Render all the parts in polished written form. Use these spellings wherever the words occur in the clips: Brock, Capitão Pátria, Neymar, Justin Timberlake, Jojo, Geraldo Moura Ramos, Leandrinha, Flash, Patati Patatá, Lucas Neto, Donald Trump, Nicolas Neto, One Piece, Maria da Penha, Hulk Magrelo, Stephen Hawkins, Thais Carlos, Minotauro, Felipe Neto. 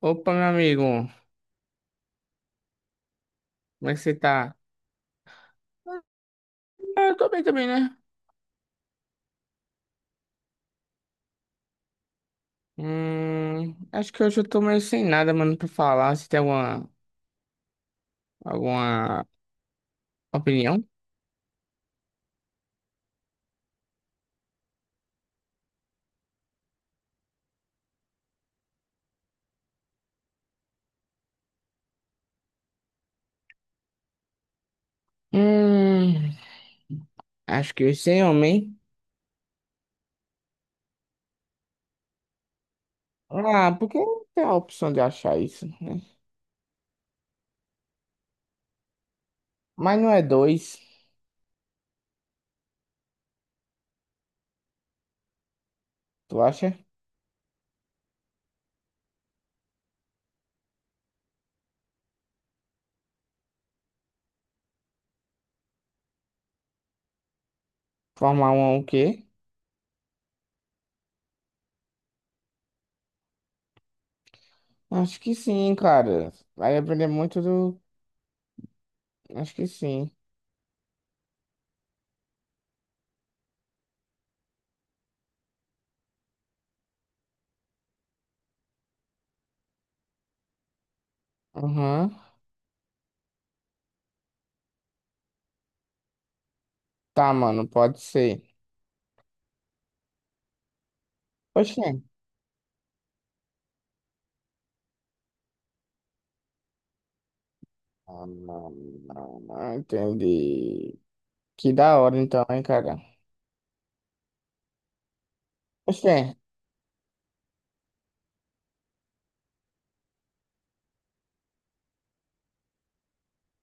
Opa, meu amigo, como é que você tá? Ah, eu tô bem também, né? Acho que hoje eu tô meio sem nada, mano, pra falar. Você tem alguma opinião? Hum, Acho que hoje sem homem. Ah, porque não tem a opção de achar isso, né? Mas não é dois, tu acha? Formar um é o quê? Acho que sim, cara. Vai aprender muito do. Acho que sim. Aham. Tá, mano, pode ser. Poxa. Ah, não, não, não. Entendi. Que da hora então, hein, cara. Oxê.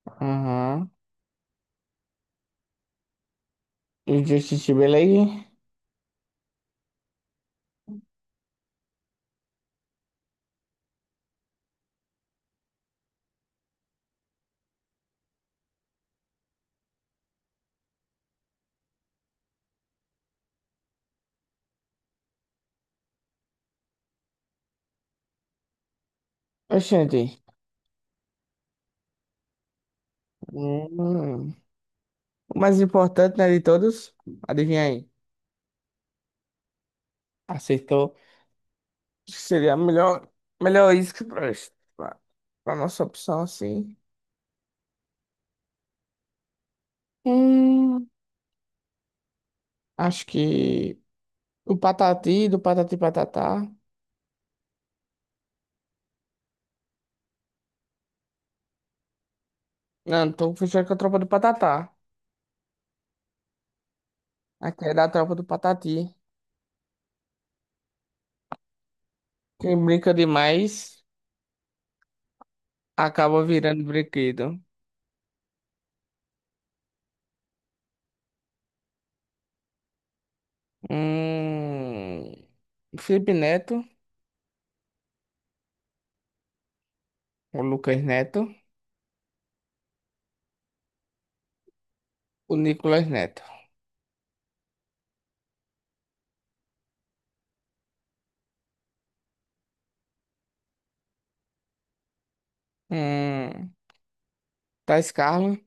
Aham. E o Justin Timberlake? Oxente. Hum. O mais importante, né, de todos? Adivinha aí. Acertou. Acho que seria a melhor isca pra, pra nossa opção, assim. Hum. Acho que o Patati, do Patati Patatá. Não, tô fechado com a tropa do Patatá. Aqui é da tropa do Patati. Quem brinca demais acaba virando brinquedo. Hum. O Felipe Neto, o Lucas Neto, o Nicolas Neto. Hum, Thais Carlos,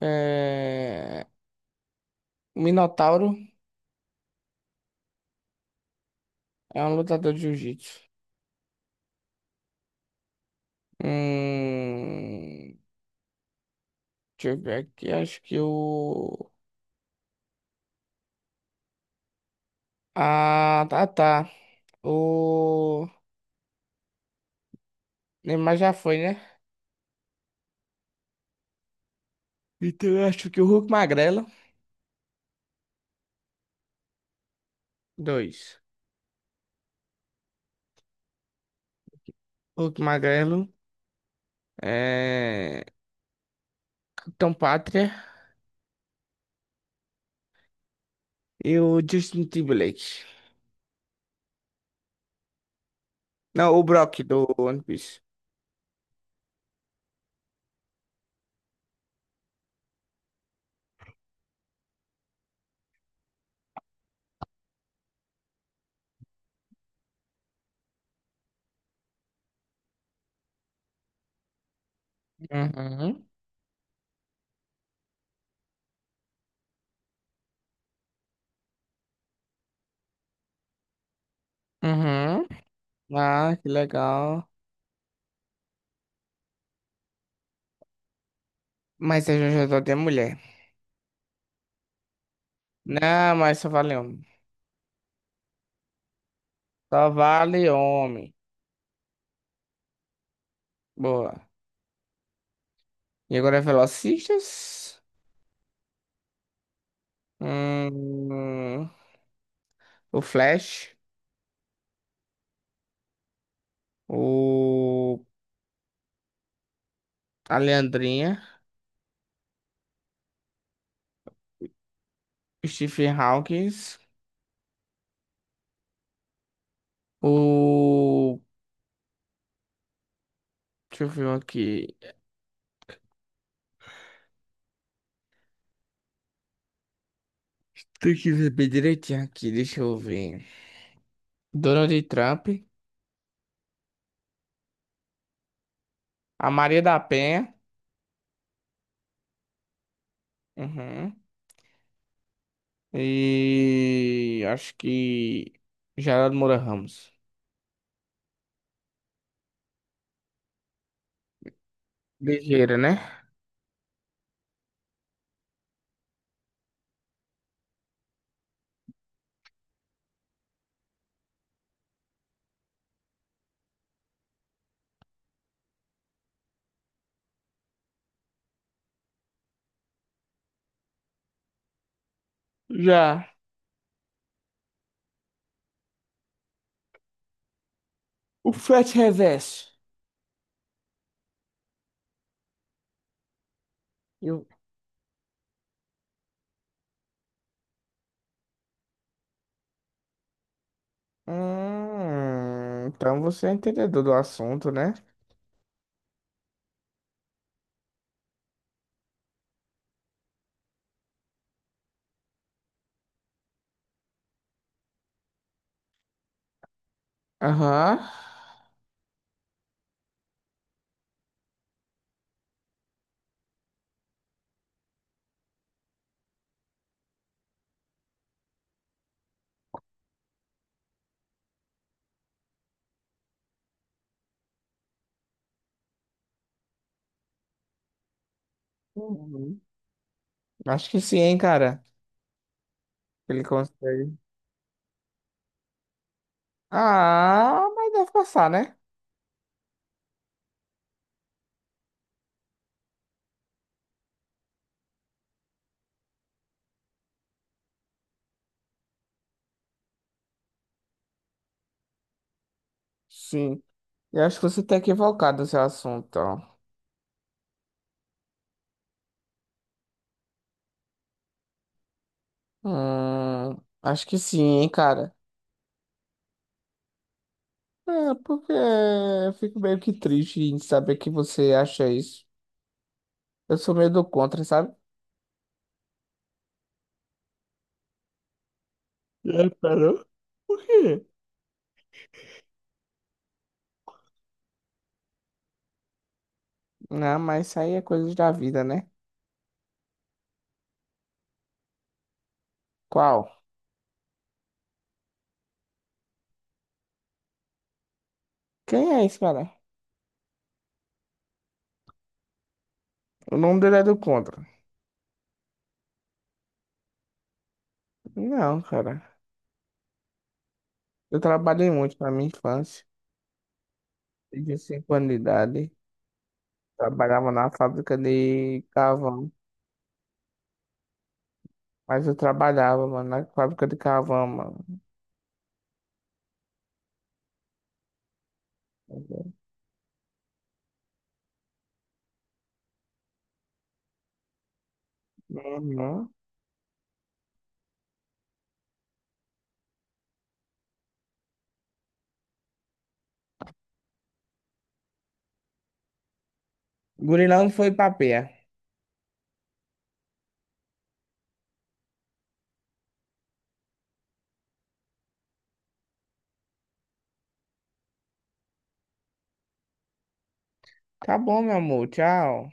é... o Minotauro é um lutador de jiu-jitsu. Hum, deixa eu ver aqui, acho que ah, tá, tá. O Neymar já foi, né? Então eu acho que o Hulk Magrelo, dois. Hulk Magrelo, é... Capitão Pátria e o Justin Timberlake. Não, o Brock do One Piece. Uhum. Uhum. Ah, que legal. Mas é Jojo de mulher. Não, mas só vale homem. Só vale homem. Boa. E agora é Velocistas. Hum, o Flash. O... A Leandrinha. O Stephen Hawkins. O... Deixa eu ver um aqui. Tem que ver bem direitinho aqui, deixa eu ver. Donald Trump. A Maria da Penha. Uhum. E acho que Geraldo Moura Ramos. Ligeira, né? Já. O frete reverso. E o- então você é entendedor do assunto, né? Aham. Uhum. Acho que sim, hein, cara. Ele consegue. Ah, mas deve passar, né? Sim. Eu acho que você tá equivocado no seu assunto, ó. Acho que sim, hein, cara. É, porque eu fico meio que triste em saber que você acha isso. Eu sou meio do contra, sabe? É, pera. Por quê? Não, mas isso aí é coisas da vida, né? Qual? Quem é esse, cara? O nome dele é do contra. Não, cara. Eu trabalhei muito na minha infância. Desde 5 anos de idade. Trabalhava na fábrica de carvão. Mas eu trabalhava, mano, na fábrica de carvão, mano. Uhum. Gurilão foi pra pé. Tá bom, meu amor. Tchau.